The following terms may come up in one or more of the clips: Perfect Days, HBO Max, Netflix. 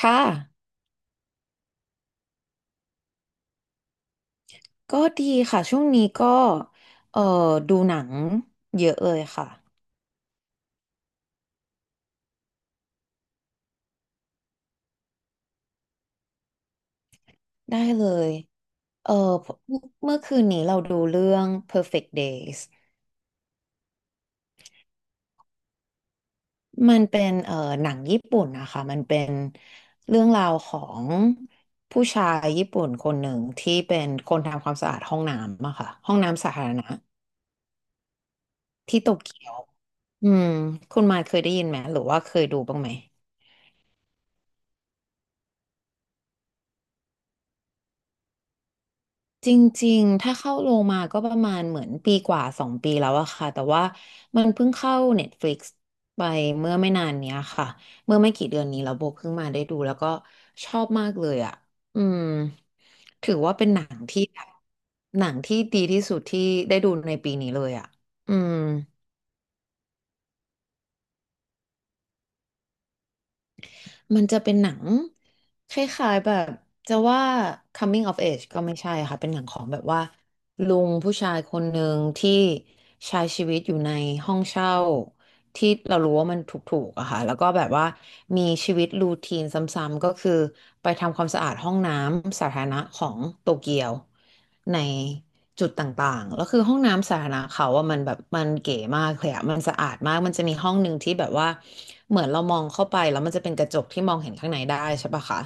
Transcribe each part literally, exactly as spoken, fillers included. ค่ะก็ดีค่ะช่วงนี้ก็เอ่อดูหนังเยอะเลยค่ะได้เลยเอ่อเมื่อเมื่อคืนนี้เราดูเรื่อง Perfect Days มันเป็นเอ่อหนังญี่ปุ่นนะคะมันเป็นเรื่องราวของผู้ชายญี่ปุ่นคนหนึ่งที่เป็นคนทำความสะอาดห้องน้ำอะค่ะห้องน้ำสาธารณะที่โตเกียวอืมคุณมายเคยได้ยินไหมหรือว่าเคยดูบ้างไหม จริงๆ ถ้าเข้าลงมาก็ประมาณเหมือนปีกว่าสองปีแล้วอะค่ะแต่ว่ามันเพิ่งเข้า Netflix ไปเมื่อไม่นานเนี้ยค่ะเมื่อไม่กี่เดือนนี้แล้วโบเพิ่งมาได้ดูแล้วก็ชอบมากเลยอะอืมถือว่าเป็นหนังที่แบบหนังที่ดีที่สุดที่ได้ดูในปีนี้เลยอะอืม มันจะเป็นหนังคล้ายๆแบบจะว่า coming of age ก็ไม่ใช่ค่ะเป็นหนังของแบบว่าลุงผู้ชายคนหนึ่งที่ใช้ชีวิตอยู่ในห้องเช่าที่เรารู้ว่ามันถูกๆอะค่ะแล้วก็แบบว่ามีชีวิตรูทีนซ้ำๆก็คือไปทำความสะอาดห้องน้ำสาธารณะของโตเกียว ในจุดต่างๆ แล้วคือห้องน้ำสาธารณะเขาว่ามันแบบมันเก๋มากเลยอะมันสะอาดมากมันจะมีห้องหนึ่งที่แบบว่าเหมือนเรามองเข้าไปแล้วมันจะเป็นกระจกที่มองเห็นข้างในได้ใช่ปะคะ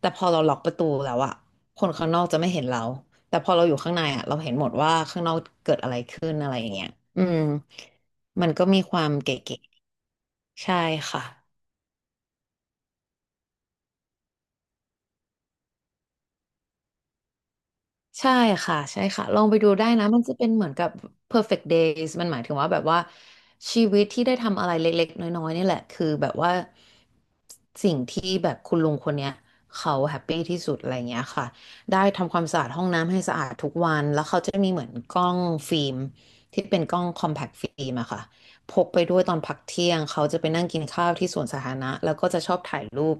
แต่พอเราล็อกประตูแล้วอะคนข้างนอกจะไม่เห็นเรา แต่พอเราอยู่ข้างในอะเราเห็นหมดว่าข้างนอกเกิดอะไรขึ้นอะไรอย่างเงี้ยอืมมันก็มีความเก๋ๆใช่ค่ะ ใช่ค่ะใช่ค่ะลองไปดูได้นะมันจะเป็นเหมือนกับ perfect days มันหมายถึงว่าแบบว่าชีวิตที่ได้ทำอะไรเล็กๆน้อยๆนี่แหละคือแบบว่าสิ่งที่แบบคุณลุงคนเนี้ยเขาแฮปปี้ที่สุดอะไรเงี้ยค่ะได้ทำความสะอาดห้องน้ำให้สะอาดทุกวันแล้วเขาจะมีเหมือนกล้องฟิล์มที่เป็นกล้อง compact ฟิล์มอะค่ะพกไปด้วยตอนพักเที่ยงเขาจะไปนั่งกินข้าวที่สวนสาธารณะแล้วก็จะชอบถ่ายรูป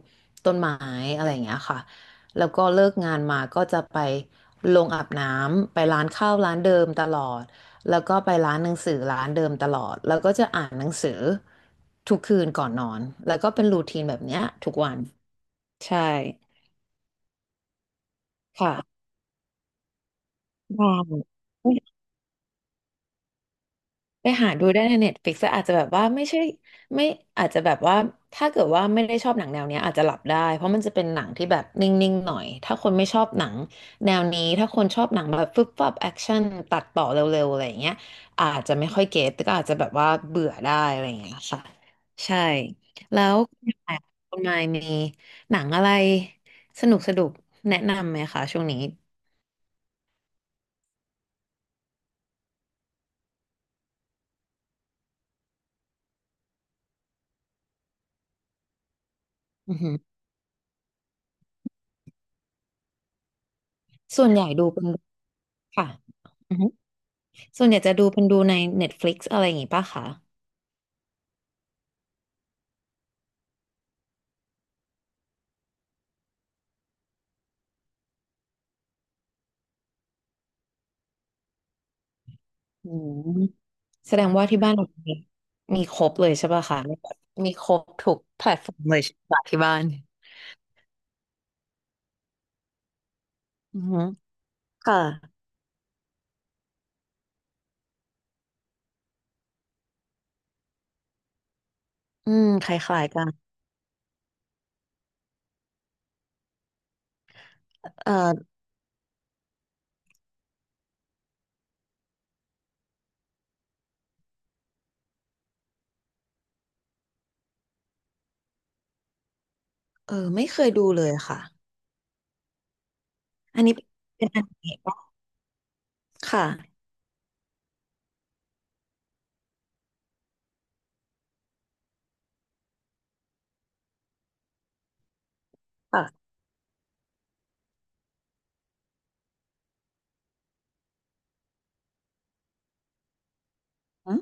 ต้นไม้อะไรอย่างเงี้ยค่ะแล้วก็เลิกงานมาก็จะไป ลงอาบน้ำไปร้านข้าวร้านเดิมตลอดแล้วก็ไปร้านหนังสือร้านเดิมตลอดแล้วก็จะอ่านหนังสือทุกคืนก่อนนอนแล้วก็เป็นรูทีนแบบเนี้ยทุกวันใช่ค่ะว้า ไปหาดูได้ใน Netflix แต่อาจจะแบบว่าไม่ใช่ไม่อาจจะแบบว่าถ้าเกิดว่าไม่ได้ชอบหนังแนวเนี้ยอาจจะหลับได้เพราะมันจะเป็นหนังที่แบบนิ่งๆหน่อยถ้าคนไม่ชอบหนังแนวนี้ถ้าคนชอบหนังแบบฟึบฟับแอคชั่นตัดต่อเร็วๆอะไรอย่างเงี้ยอาจจะไม่ค่อยเก็ตก็อาจจะแบบว่าเบื่อได้อะไรอย่างเงี้ยค่ะใช่แล้วคุณหมายคุณหมายมีหนังอะไรสนุกสนุกแนะนำไหมคะช่วงนี้อือหือส่วนใหญ่ดูเป็นค่ะ ส่วนใหญ่จะดูเป็นดูใน Netflix อะไรอย่างงี้ป่ะคะอืมแสดงว่าที่บ้านเรามีมีครบเลยใช่ป่ะคะมีแบบมีครบทุกแพลตฟอร์มเลยใช่ป่ะที่บ้านอือฮึค่ะอืมคล้ายๆกันเออเออไม่เคยดูเลยค่ะ อันนี้เป็นอันไหนป่ะค่ะค่ะอืม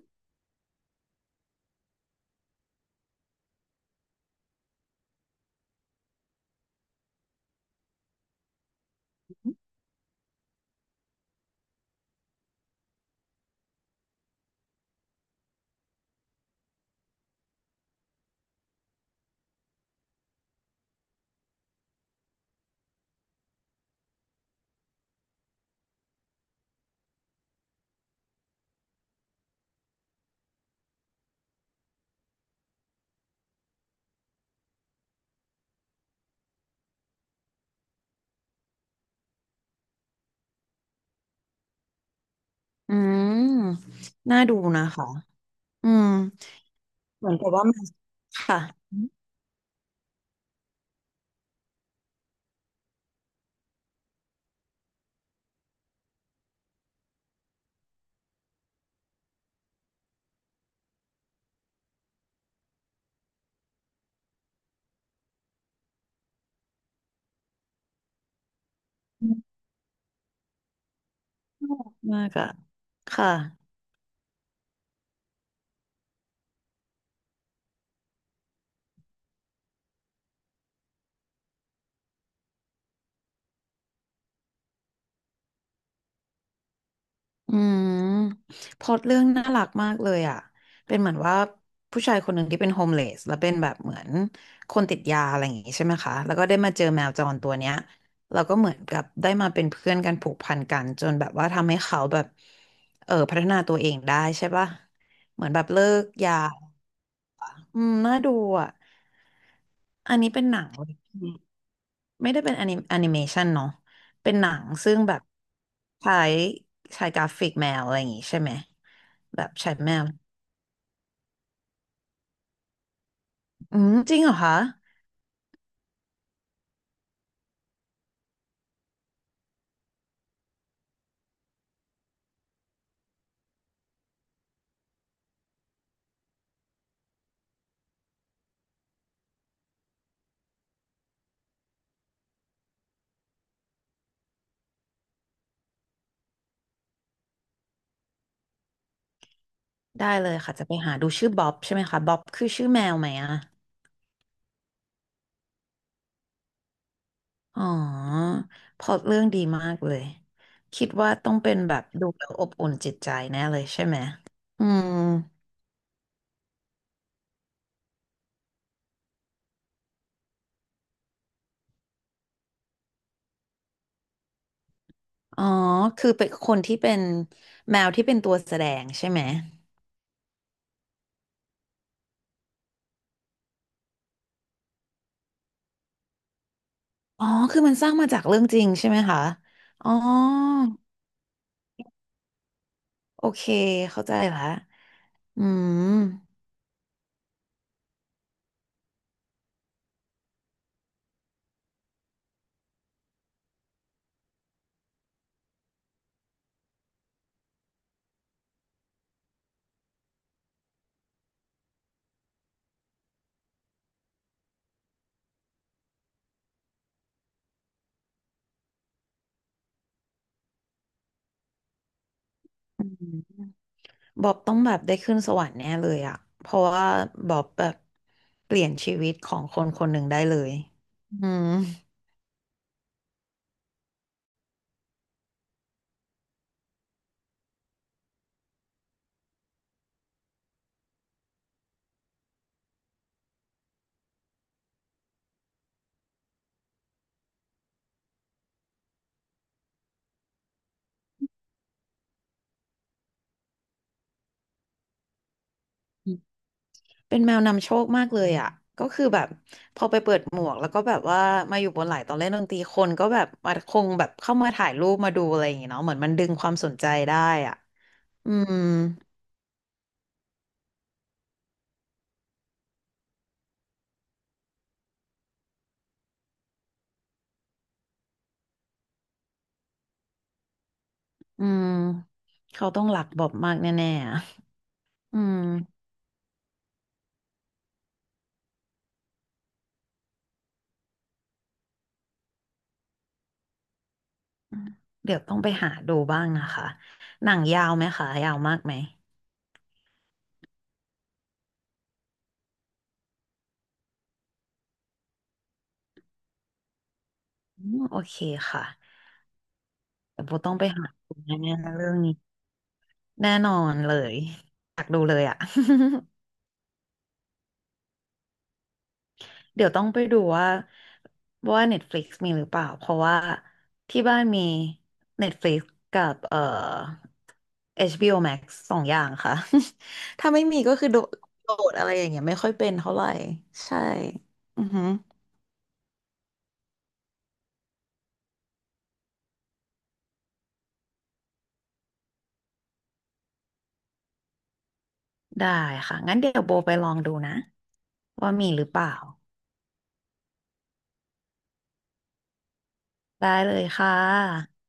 อืมน่าดูนะคะ อืมเหมือนกับว่ามัน ค่ะอืมมากอะค่ะ อืมพล็อตเรื่องน่ารักมากเลยอ่ะเป็นเหมือนว่าผู้ชายคนหนึ่งที่เป็นโฮมเลสแล้วเป็นแบบเหมือนคนติดยาอะไรอย่างงี้ใช่ไหมคะแล้วก็ได้มาเจอแมวจรตัวเนี้ยแล้วก็เหมือนกับได้มาเป็นเพื่อนกันผูกพันกันจนแบบว่าทำให้เขาแบบเออพัฒนาตัวเองได้ใช่ปะเหมือนแบบเลิกยาอืมน่าดูอ่ะอันนี้เป็นหนัง ไม่ได้เป็นแอนิแอนิเมชันเนาะเป็นหนังซึ่งแบบใช้ใช้กราฟิกแมวอะไรอย่างงี้ใช่ไหมแบบใช้แมวอืมจริงเหรอคะได้เลยค่ะจะไปหาดูชื่อบ๊อบใช่ไหมคะบ๊อบคือชื่อแมวไหมอะอ๋อพล็อตเรื่องดีมากเลยคิดว่าต้องเป็นแบบดูแล้วอบอุ่นจิตใจแน่เลยใช่ไหมอืมอ๋อคือเป็นคนที่เป็นแมวที่เป็นตัวแสดงใช่ไหมอ๋อคือมันสร้างมาจากเรื่องจริงใช่ไหมคะอ๋อ โอเคเข้าใจละอืมอืมบอบต้องแบบได้ขึ้นสวรรค์แน่เลยอะเพราะว่าบอบแบบเปลี่ยนชีวิตของคนคนหนึ่งได้เลยอืมเป็นแมวนำโชคมากเลยอ่ะก็คือแบบพอไปเปิดหมวกแล้วก็แบบว่ามาอยู่บนไหล่ตอนเล่นดนตรีคนก็แบบมาคงแบบเข้ามาถ่ายรูปมาดูอะไรอย่างเงี้ยเนาะเหมือนมันดึงความสนใจได้อ่ะอืมอืมเขาต้องรักบอบมากแน่ๆอะอืม เดี๋ยวต้องไปหาดูบ้างนะคะหนังยาวไหมคะยาวมากไหมอืมโอเคค่ะเดี๋ยวโบต้องไปหาดูแน่ๆเรื่องนี้แน่นอนเลยอยากดูเลยอ่ะ เดี๋ยวต้องไปดูว่าว่า Netflix มีหรือเปล่าเพราะว่าที่บ้านมี Netflix กับเอ่อ เอช บี โอ Max สองอย่างค่ะ ถ้าไม่มีก็คือโดโดดอะไรอย่างเงี้ยไม่ค่อยเป็นเท่าไหร่ใช่อือฮึ ได้ค่ะ งั้นเดี๋ยวโบไปลองดูนะว่ามีหรือเปล่าได้เลยค่ะ